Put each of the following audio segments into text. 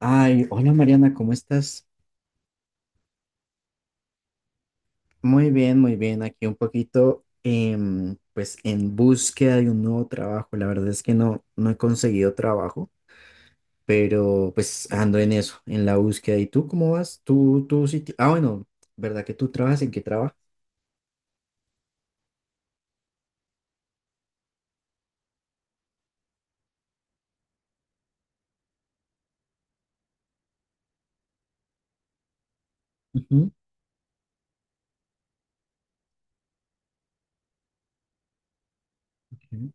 Ay, hola, Mariana, ¿cómo estás? Muy bien, muy bien. Aquí un poquito, pues en búsqueda de un nuevo trabajo. La verdad es que no he conseguido trabajo, pero pues ando en eso, en la búsqueda. ¿Y tú cómo vas? Tú sí. Ah, bueno, ¿verdad que tú trabajas? ¿En qué trabajas? Ujú, ujú.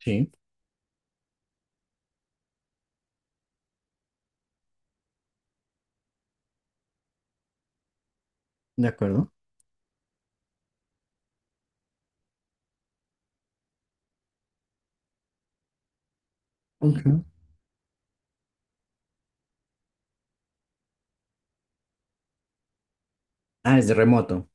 Sí, de acuerdo. Ujú. Ah, ¿es remoto?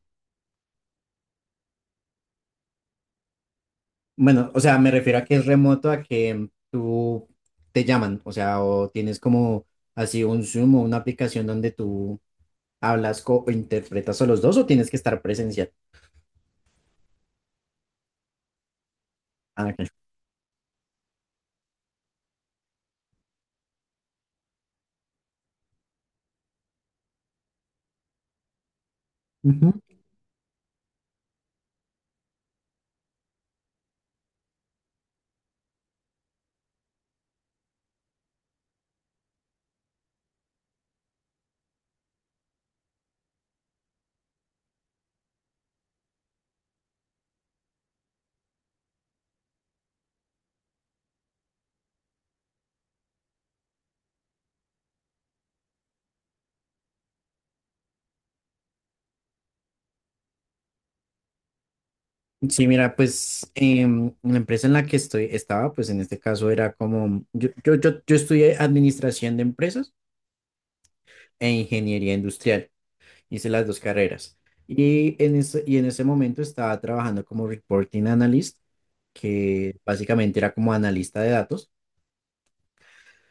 Bueno, o sea, me refiero a que es remoto, a que tú te llaman, o sea, o tienes como así un Zoom o una aplicación donde tú o interpretas a los dos, o tienes que estar presencial. Ah, ok. Ujú. Sí, mira, pues en la empresa en la que estoy estaba, pues en este caso era como, yo estudié administración de empresas e ingeniería industrial, hice las dos carreras. Y en ese momento estaba trabajando como reporting analyst, que básicamente era como analista de datos.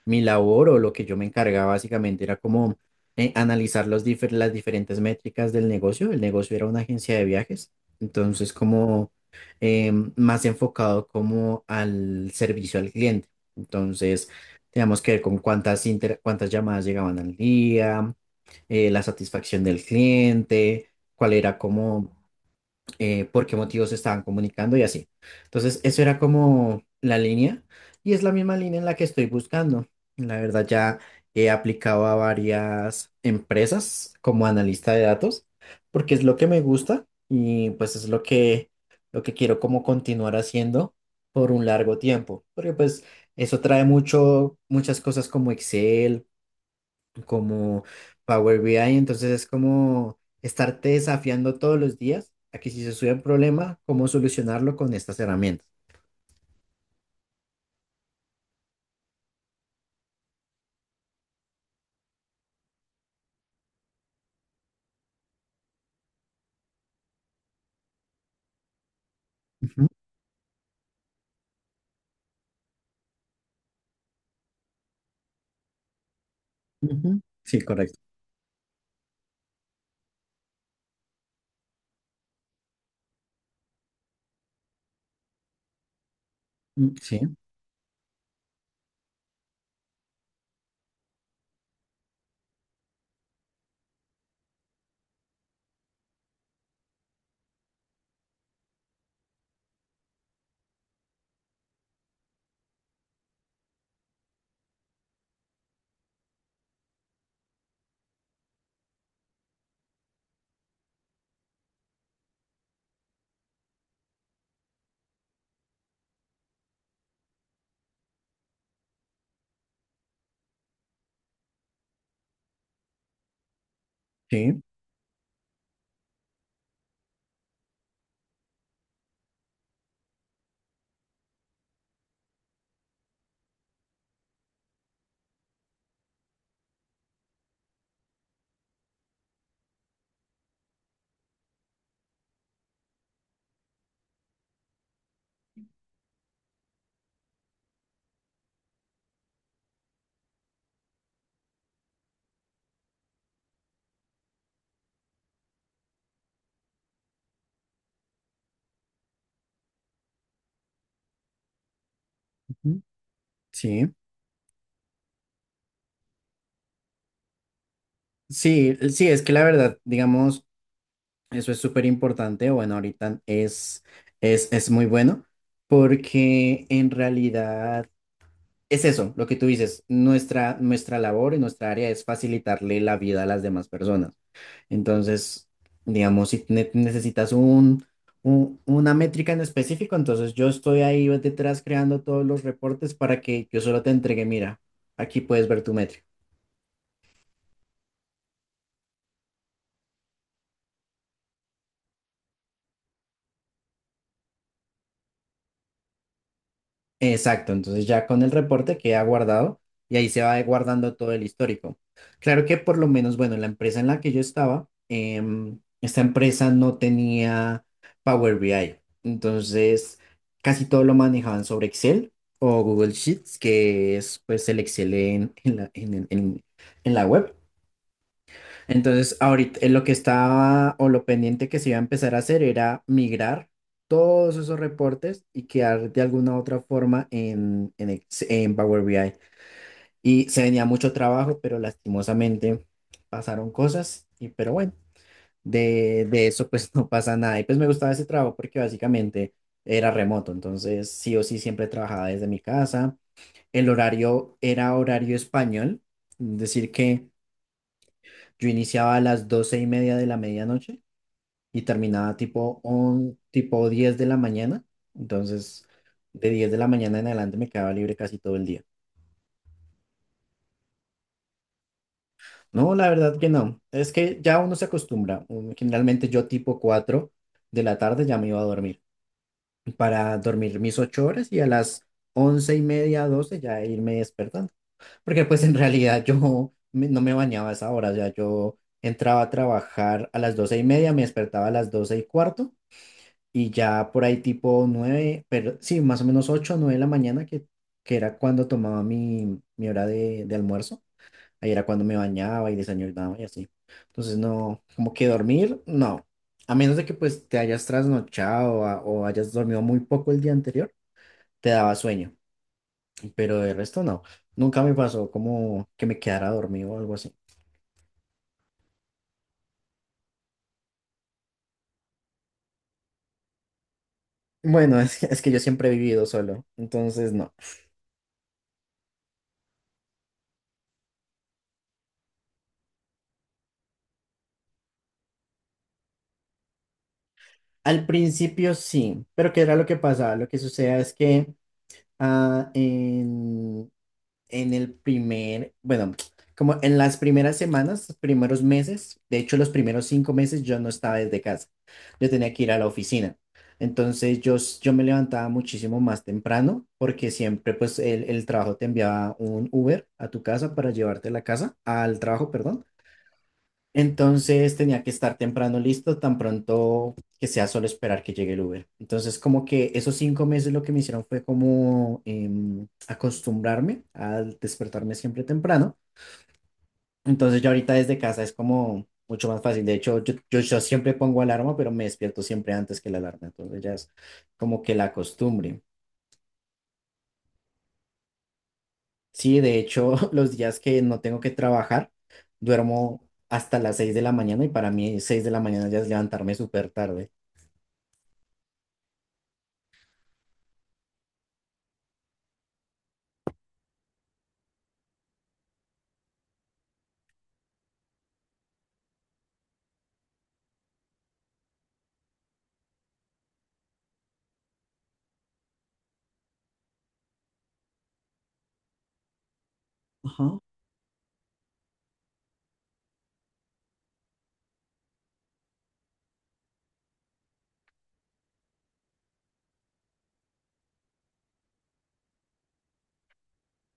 Mi labor, o lo que yo me encargaba básicamente era como analizar los las diferentes métricas del negocio. El negocio era una agencia de viajes, entonces como más enfocado como al servicio al cliente. Entonces, teníamos que ver con cuántas llamadas llegaban al día, la satisfacción del cliente, cuál era como por qué motivos se estaban comunicando y así. Entonces, eso era como la línea y es la misma línea en la que estoy buscando. La verdad, ya he aplicado a varias empresas como analista de datos porque es lo que me gusta, y pues es lo que quiero como continuar haciendo por un largo tiempo, porque pues eso trae mucho, muchas cosas como Excel, como Power BI. Entonces es como estarte desafiando todos los días a que si se sube un problema, cómo solucionarlo con estas herramientas. Ujú, ujú. Sí, correcto. Mm, sí, sí, ujú, sí. Sí, sí, es que la verdad, digamos, eso es súper importante. Bueno, ahorita es muy bueno, porque en realidad es eso, lo que tú dices, nuestra labor y nuestra área es facilitarle la vida a las demás personas. Entonces, digamos, si necesitas una métrica en específico, entonces yo estoy ahí detrás creando todos los reportes para que yo solo te entregue, mira, aquí puedes ver tu métrica. Exacto, entonces ya con el reporte queda guardado y ahí se va guardando todo el histórico. Claro que por lo menos, bueno, la empresa en la que yo estaba, esta empresa no tenía Power BI, entonces casi todo lo manejaban sobre Excel o Google Sheets, que es pues el Excel en la web. Entonces, ahorita lo que estaba, o lo pendiente que se iba a empezar a hacer, era migrar todos esos reportes y quedar de alguna u otra forma en Power BI. Y se venía mucho trabajo, pero lastimosamente pasaron cosas. Y, pero bueno, de eso pues no pasa nada. Y pues me gustaba ese trabajo porque básicamente era remoto, entonces sí o sí siempre trabajaba desde mi casa. El horario era horario español, es decir que... Yo iniciaba a las 12:30 de la medianoche y terminaba tipo 10 de la mañana. Entonces, de 10 de la mañana en adelante me quedaba libre casi todo el día. No, la verdad que no. Es que ya uno se acostumbra. Generalmente yo tipo 4 de la tarde ya me iba a dormir para dormir mis 8 horas, y a las 11:30, 12 ya irme despertando. Porque pues en realidad yo no me bañaba a esa hora. O sea, yo entraba a trabajar a las 12:30, me despertaba a las 12:15. Y ya por ahí tipo 9, pero sí, más o menos 8 o 9 de la mañana, que era cuando tomaba mi hora de almuerzo. Ahí era cuando me bañaba y desayunaba y así. Entonces no, como que dormir, no. A menos de que pues te hayas o hayas dormido muy poco el día anterior, te daba sueño. Pero de resto no. Nunca me pasó como que me quedara dormido o algo así. Bueno, es que yo siempre he vivido solo, entonces no. Al principio sí, pero ¿qué era lo que pasaba? Lo que sucedía es que ah, en, en el primer, bueno, como en las primeras semanas, los primeros meses, de hecho los primeros 5 meses yo no estaba desde casa, yo tenía que ir a la oficina. Entonces yo me levantaba muchísimo más temprano porque siempre pues el trabajo te enviaba un Uber a tu casa para llevarte a la casa, al trabajo, perdón. Entonces tenía que estar temprano listo, tan pronto que sea solo esperar que llegue el Uber. Entonces como que esos 5 meses lo que me hicieron fue como acostumbrarme a despertarme siempre temprano. Entonces ya ahorita desde casa es como mucho más fácil. De hecho, yo siempre pongo alarma, pero me despierto siempre antes que la alarma. Entonces ya es como que la costumbre. Sí, de hecho, los días que no tengo que trabajar, duermo hasta las 6 de la mañana. Y para mí 6 de la mañana ya es levantarme súper tarde.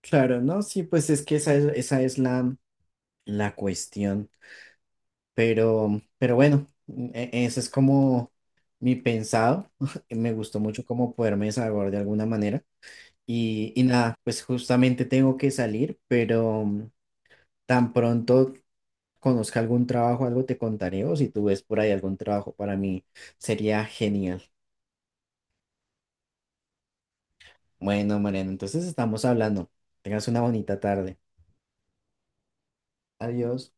Claro, ¿no? Sí, pues es que esa es la cuestión. Pero bueno, ese es como mi pensado. Me gustó mucho como poderme desahogar de alguna manera. Y nada, pues justamente tengo que salir, pero tan pronto conozca algún trabajo, algo te contaré, o si tú ves por ahí algún trabajo para mí, sería genial. Bueno, Mariano, entonces estamos hablando. Tengas una bonita tarde. Adiós.